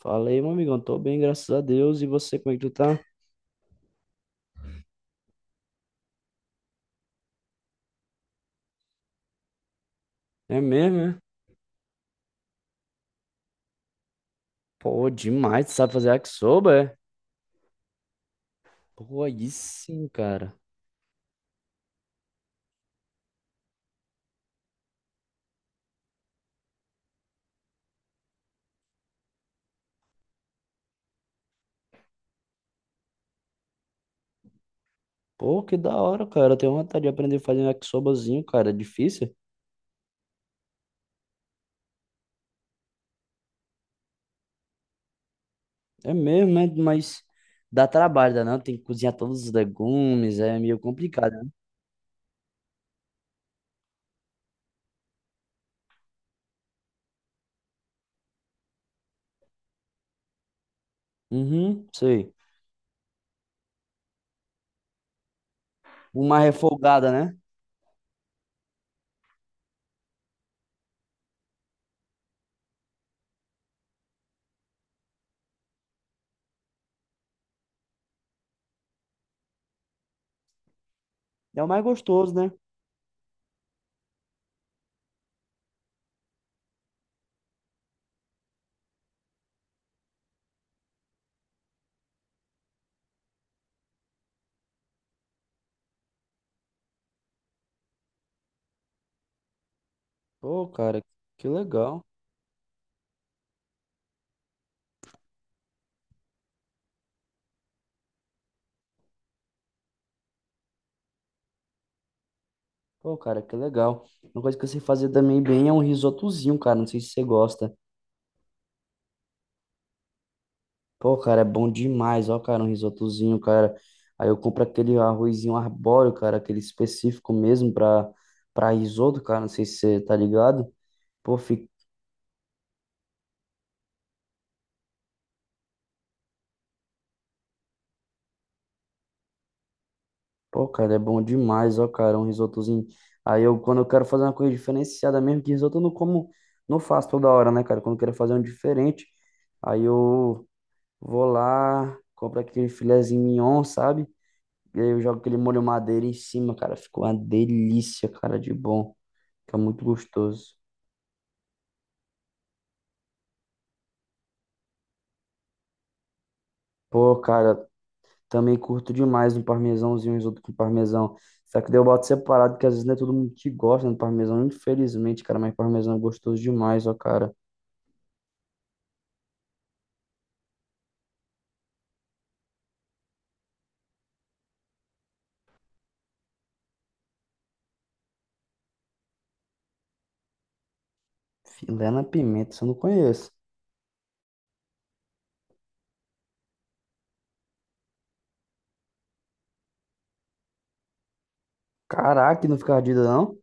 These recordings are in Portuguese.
Falei, meu amigão, tô bem, graças a Deus. E você, como é que tu tá? É mesmo, é? Pô, demais, tu sabe fazer yakisoba, é? Pô, aí sim, cara. Pô, que da hora, cara. Eu tenho vontade de aprender a fazer um yakisobazinho, cara. É difícil? É mesmo, né? Mas dá trabalho, dá não? Tem que cozinhar todos os legumes, é meio complicado, né? Uhum, sei. Uma refogada, né? É o mais gostoso, né? Pô, cara, que legal. Pô, cara, que legal. Uma coisa que eu sei fazer também bem é um risotozinho, cara. Não sei se você gosta. Pô, cara, é bom demais, ó, cara, um risotozinho, cara. Aí eu compro aquele arrozinho arbóreo, cara, aquele específico mesmo pra, risoto, cara, não sei se você tá ligado. Pô, fica. Pô, cara, é bom demais, ó, cara, um risotozinho. Aí eu, quando eu quero fazer uma coisa diferenciada mesmo, que risoto eu não como, não faço toda hora, né, cara? Quando eu quero fazer um diferente, aí eu vou lá, compro aquele filezinho mignon, sabe? E aí, eu jogo aquele molho madeira em cima, cara. Ficou uma delícia, cara, de bom. Fica muito gostoso. Pô, cara, também curto demais um parmesãozinho, um risoto com parmesão. Só que daí eu boto separado, que às vezes não é todo mundo que gosta do parmesão, infelizmente, cara. Mas parmesão é gostoso demais, ó, cara. Filé na pimenta, isso eu não conheço. Caraca, não fica ardido, não?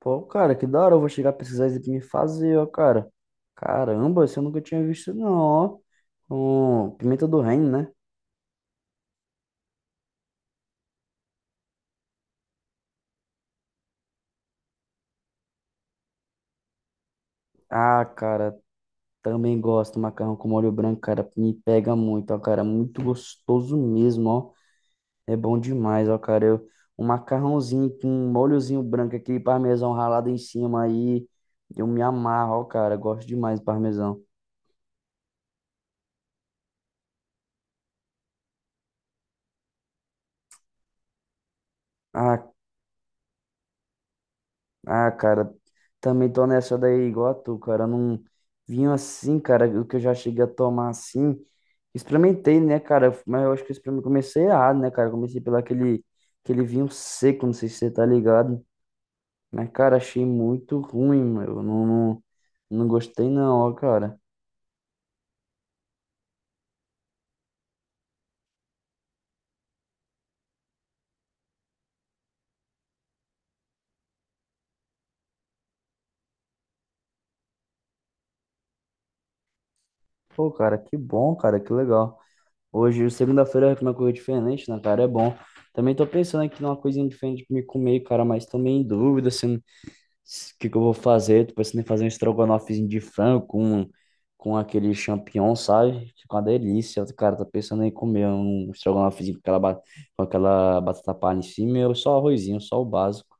Pô, cara, que da hora. Eu vou chegar a precisar isso aqui me fazer, ó, cara. Caramba, isso eu nunca tinha visto, não, ó. Com pimenta do reino, né? Ah, cara, também gosto, macarrão com molho branco, cara, me pega muito, ó, cara, muito gostoso mesmo, ó. É bom demais, ó, cara. Eu, um macarrãozinho com um molhozinho branco, aquele parmesão ralado em cima aí, eu me amarro, ó, cara, gosto demais do parmesão. Ah, cara, também tô nessa daí igual a tu, cara, não vinho assim, cara, o que eu já cheguei a tomar assim, experimentei, né, cara, mas eu acho que eu experimentei, comecei errado, né, cara, comecei pelo aquele vinho seco, não sei se você tá ligado. Mas, cara, achei muito ruim, meu. Não, não, não gostei não, ó, cara. Pô, cara, que bom, cara, que legal. Hoje, segunda-feira, é uma coisa diferente, né, cara? É bom. Também tô pensando aqui numa coisinha diferente pra me comer, cara, mas também em dúvida, assim, o que que eu vou fazer. Tô pensando em fazer um estrogonofezinho de frango com aquele champignon, sabe? Fica uma delícia. Cara, tô pensando em comer um estrogonofezinho com aquela batata palha em cima, ou só arrozinho, só o básico.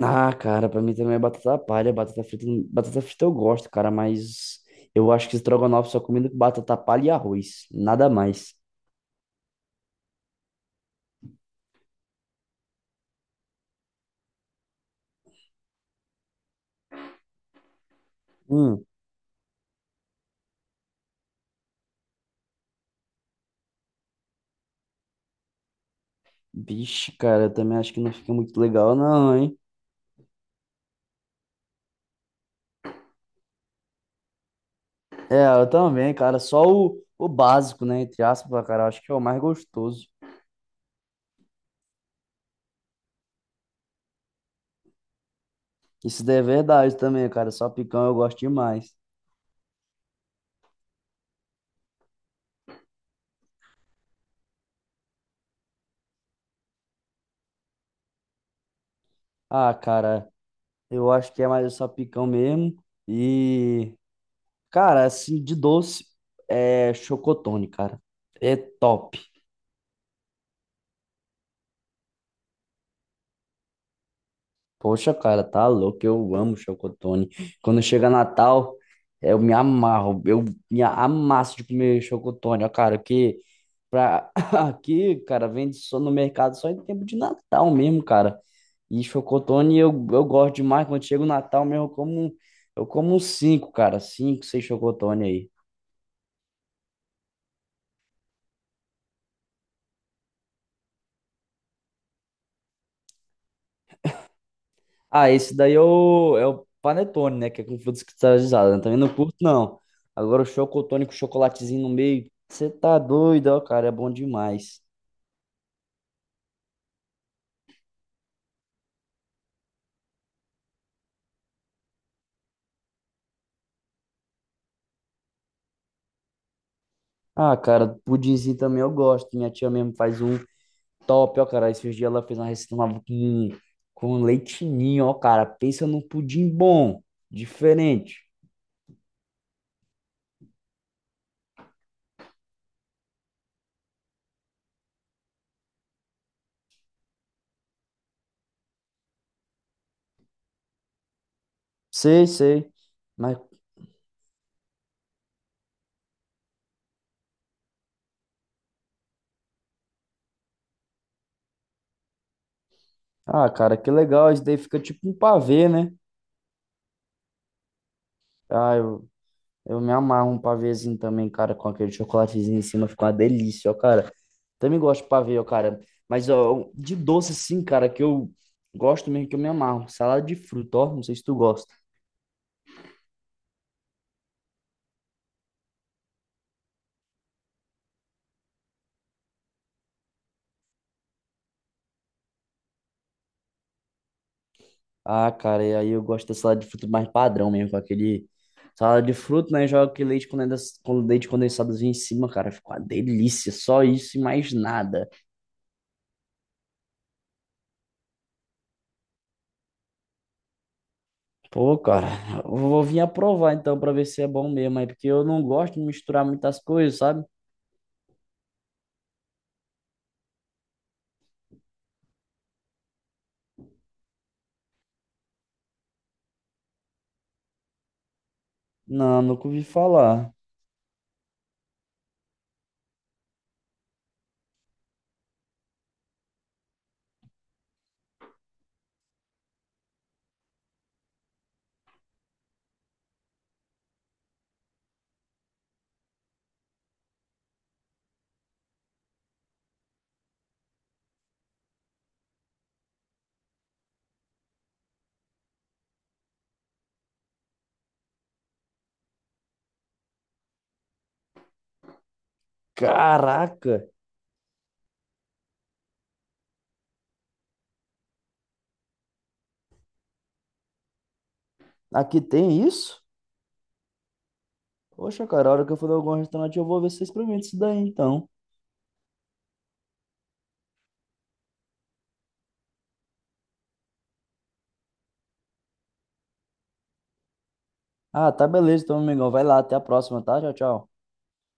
Ah, cara, pra mim também é batata palha, batata frita eu gosto, cara, mas eu acho que estrogonofe só comendo com batata palha e arroz, nada mais. Hum, vixe, cara, eu também acho que não fica muito legal não, hein? É, eu também, cara, só o básico, né, entre aspas, cara, eu acho que é o mais gostoso. Isso daí é verdade também, cara, só picão eu gosto demais. Ah, cara, eu acho que é mais só picão mesmo e, cara, assim, de doce é chocotone, cara. É top. Poxa, cara, tá louco, eu amo chocotone. Quando chega Natal, eu me amarro, eu me amasso de comer chocotone, ó, cara, que pra... aqui, cara, vende só no mercado só em tempo de Natal mesmo, cara. E chocotone eu gosto demais, quando chega o Natal mesmo, eu como uns cinco, cara, cinco, seis chocotone aí. Ah, esse daí é o, é o panetone, né? Que é com frutas cristalizadas, né? Também não curto, não. Agora o chocotone com chocolatezinho no meio. Você tá doido, ó, cara. É bom demais. Ah, cara, pudinzinho também eu gosto. Minha tia mesmo faz um top, ó, cara. Esses dias ela fez uma receita uma com leite ninho, ó, cara. Pensa num pudim bom, diferente. Sei, sei. Mas, ah, cara, que legal. Isso daí fica tipo um pavê, né? Ah, eu me amarro um pavêzinho também, cara, com aquele chocolatezinho em cima, fica uma delícia, ó, cara. Também gosto de pavê, ó, cara. Mas, ó, um, de doce, sim cara, que eu gosto mesmo, que eu me amarro. Salada de fruta, ó, não sei se tu gosta. Ah, cara, e aí eu gosto da salada de fruta mais padrão mesmo, com aquele. Salada de fruta, né, joga aquele com leite condensadozinho em cima, cara, fica uma delícia. Só isso e mais nada. Pô, cara, eu vou vir aprovar então pra ver se é bom mesmo, aí, porque eu não gosto de misturar muitas coisas, sabe? Não, nunca ouvi falar. Caraca, aqui tem isso? Poxa, cara, a hora que eu for em algum restaurante, eu vou ver se vocês experimentam isso daí, então. Ah, tá beleza, então, amigão. Vai lá, até a próxima, tá? Tchau, tchau.